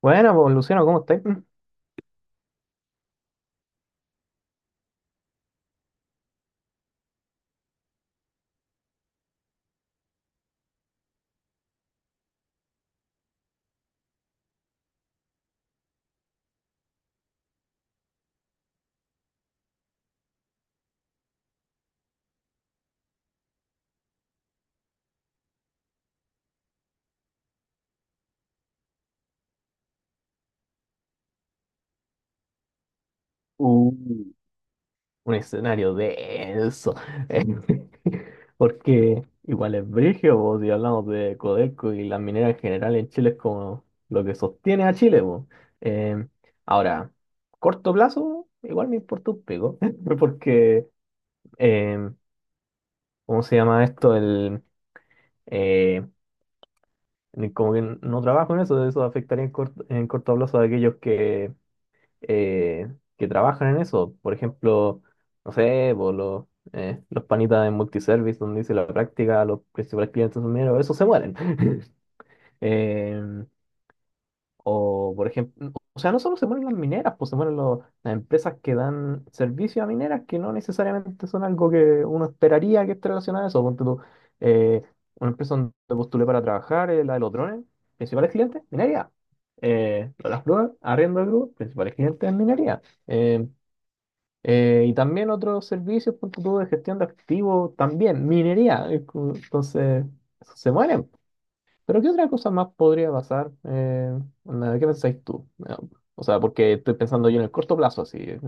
Bueno, pues Luciano, ¿cómo estáis? Uh, Un escenario denso. eh, Porque igual es brigio, po, si hablamos de Codelco y las mineras en general en Chile es como lo que sostiene a Chile, po. Eh, ahora, Corto plazo, igual me importa un pico, porque, eh, ¿cómo se llama esto? Eh, Como que no trabajo en eso, eso afectaría en corto plazo a aquellos que trabajan en eso. Por ejemplo, no sé, po, los panitas de multiservice, donde hice la práctica, los principales clientes son mineros, esos se mueren. Eh, o, por ejemplo, o sea, no solo se mueren las mineras, pues se mueren las empresas que dan servicio a mineras que no necesariamente son algo que uno esperaría que esté relacionado a eso. Ponte tú, eh, una empresa donde postulé para trabajar, la de los drones, principales clientes, minería. Lo de las grúas, arriendo de grúas, principales clientes, minería. Eh, y también otros servicios, punto tú, de gestión de activos, también minería. Es como... Entonces, se mueren. ¿Pero qué otra cosa más podría pasar? Onda, ¿qué pensáis tú? O sea, porque estoy pensando yo en el corto plazo, así.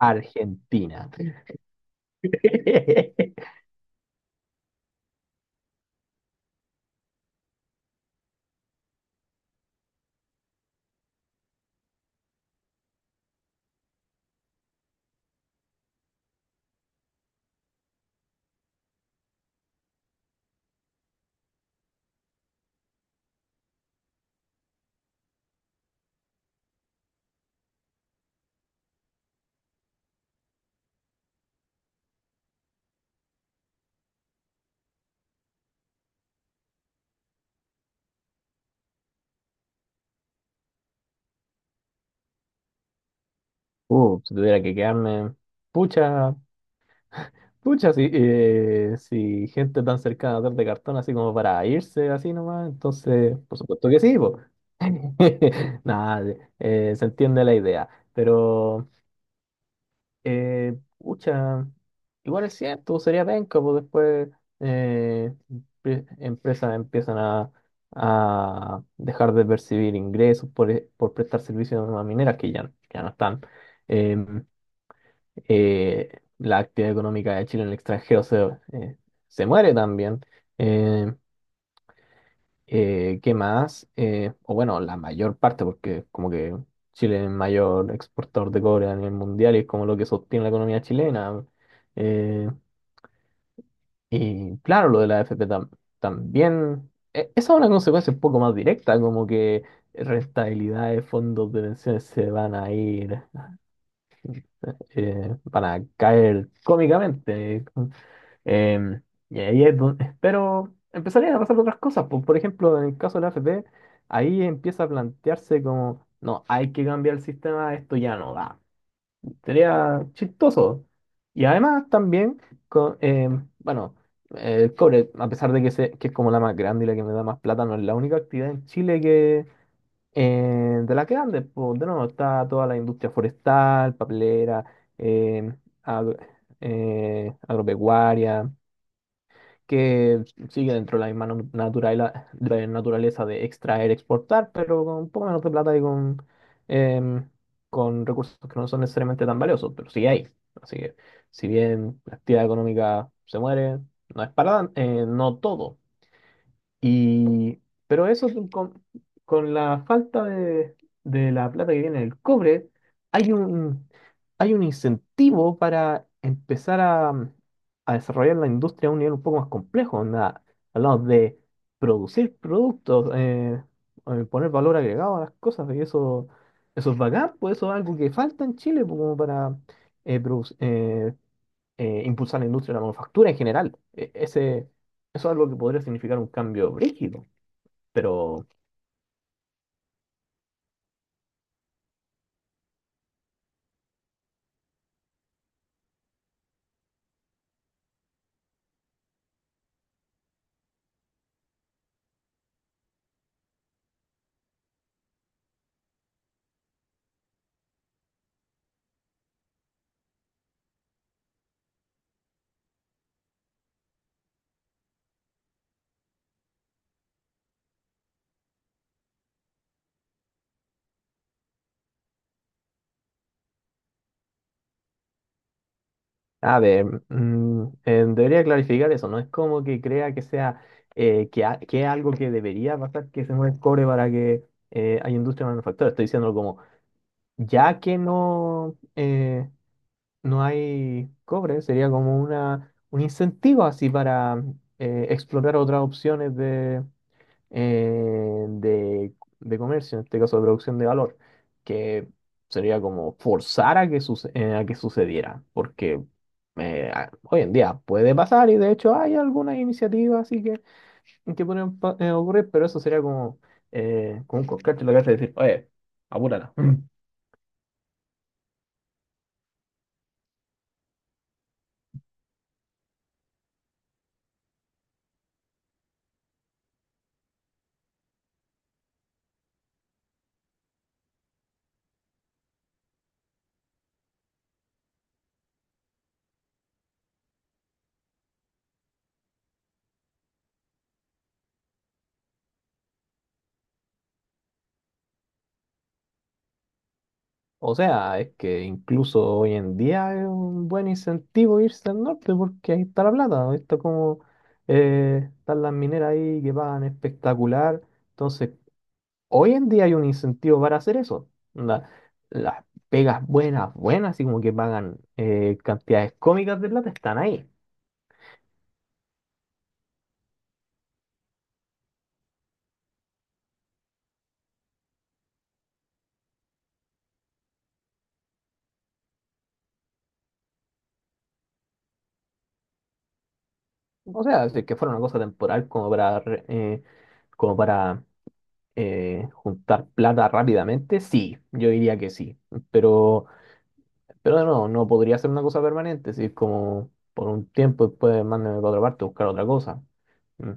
Argentina. Si tuviera que quedarme. Pucha, pucha, si gente tan cercana a dar de cartón así como para irse así nomás, entonces, por supuesto que sí, po. Nada, se entiende la idea. Pero pucha, igual es cierto, sería penca, pues después eh, empresas empiezan a dejar de percibir ingresos por prestar servicios a mineras que ya, ya no están. Em, eh, la actividad económica de Chile en el extranjero eh, se muere también. Em, ¿Qué más? O bueno, la mayor parte, porque como que Chile es el mayor exportador de cobre a nivel mundial y es como lo que sostiene la economía chilena. Eh, y claro, lo de la también, esa es una consecuencia un poco más directa, como que rentabilidad de fondos de pensiones se van a ir, van a caer cómicamente. Em, y ahí es donde, pero empezarían a pasar otras cosas. Por ejemplo, en el caso de la AFP, ahí empieza a plantearse como, no, hay que cambiar el sistema, esto ya no va. Sería chistoso. Y además también, bueno, el cobre, a pesar de que es como la más grande y la que me da más plata, no es la única actividad en Chile que de la que grande. Pues, de nuevo, está toda la industria forestal, papelera, em, agro- agropecuaria que sigue dentro de la misma naturaleza naturaleza de extraer, exportar, pero con un poco menos de plata y em, con recursos que no son necesariamente tan valiosos, pero sí hay. Así que si bien la actividad económica se muere, no es para tan no todo. Y, pero eso es con la falta de la plata que viene del cobre, hay un, hay un incentivo para empezar a desarrollar la industria a un nivel un poco más complejo. Onda, hablamos de producir productos, poner valor agregado a las cosas, eso es bacán, pues eso es algo que falta en Chile, pues, como para eh, produc- eh, impulsar la industria de la manufactura en general. Eso es algo que podría significar un cambio brígido, pero, a ver, debería clarificar eso, no es como que crea que sea, que es algo que debería pasar, que se mueva el cobre para que haya industria de manufactura. Estoy diciendo como, ya que no, no hay cobre, sería como un incentivo así para explorar otras opciones eh, de, de comercio, en este caso de producción de valor, que sería como forzar a que a que sucediera, porque hoy en día puede pasar y de hecho hay algunas iniciativas que pueden ocurrir, pero eso sería como, como un coscacho en la cabeza y decir, oye, apúrala. O sea, es que incluso hoy en día es un buen incentivo irse al norte porque ahí está la plata, ahí está como están las mineras ahí que pagan espectacular. Entonces, hoy en día hay un incentivo para hacer eso. Onda, las pegas buenas, buenas, así como que pagan cantidades cómicas de plata, están ahí. O sea, si es que fuera una cosa temporal como para, como para juntar plata rápidamente, sí, yo diría que sí. Pero Pero no, no podría ser una cosa permanente, si es como por un tiempo después mándame para otra parte, a buscar otra cosa. Mm,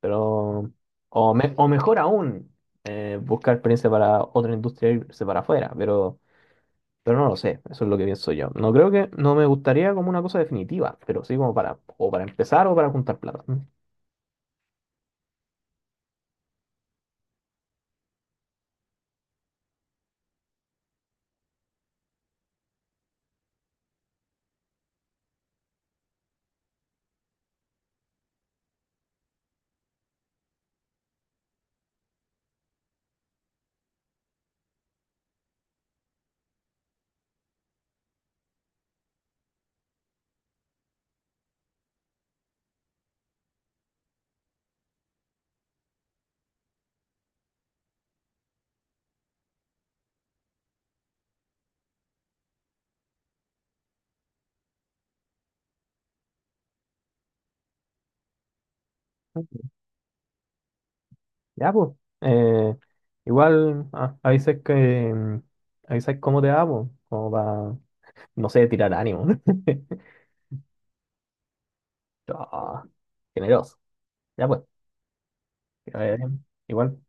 pero, o mejor aún, buscar experiencia para otra industria e irse para afuera, pero no lo sé, eso es lo que pienso yo. No creo que, no me gustaría como una cosa definitiva, pero sí como para, o para empezar o para juntar plata. Mm. Mm, ya, pues, eh, igual ah, mm, avisas cómo te va, pues, como para, no sé, tirar ánimo. Ah, generoso. Ya pues, que vaya bien. Igual.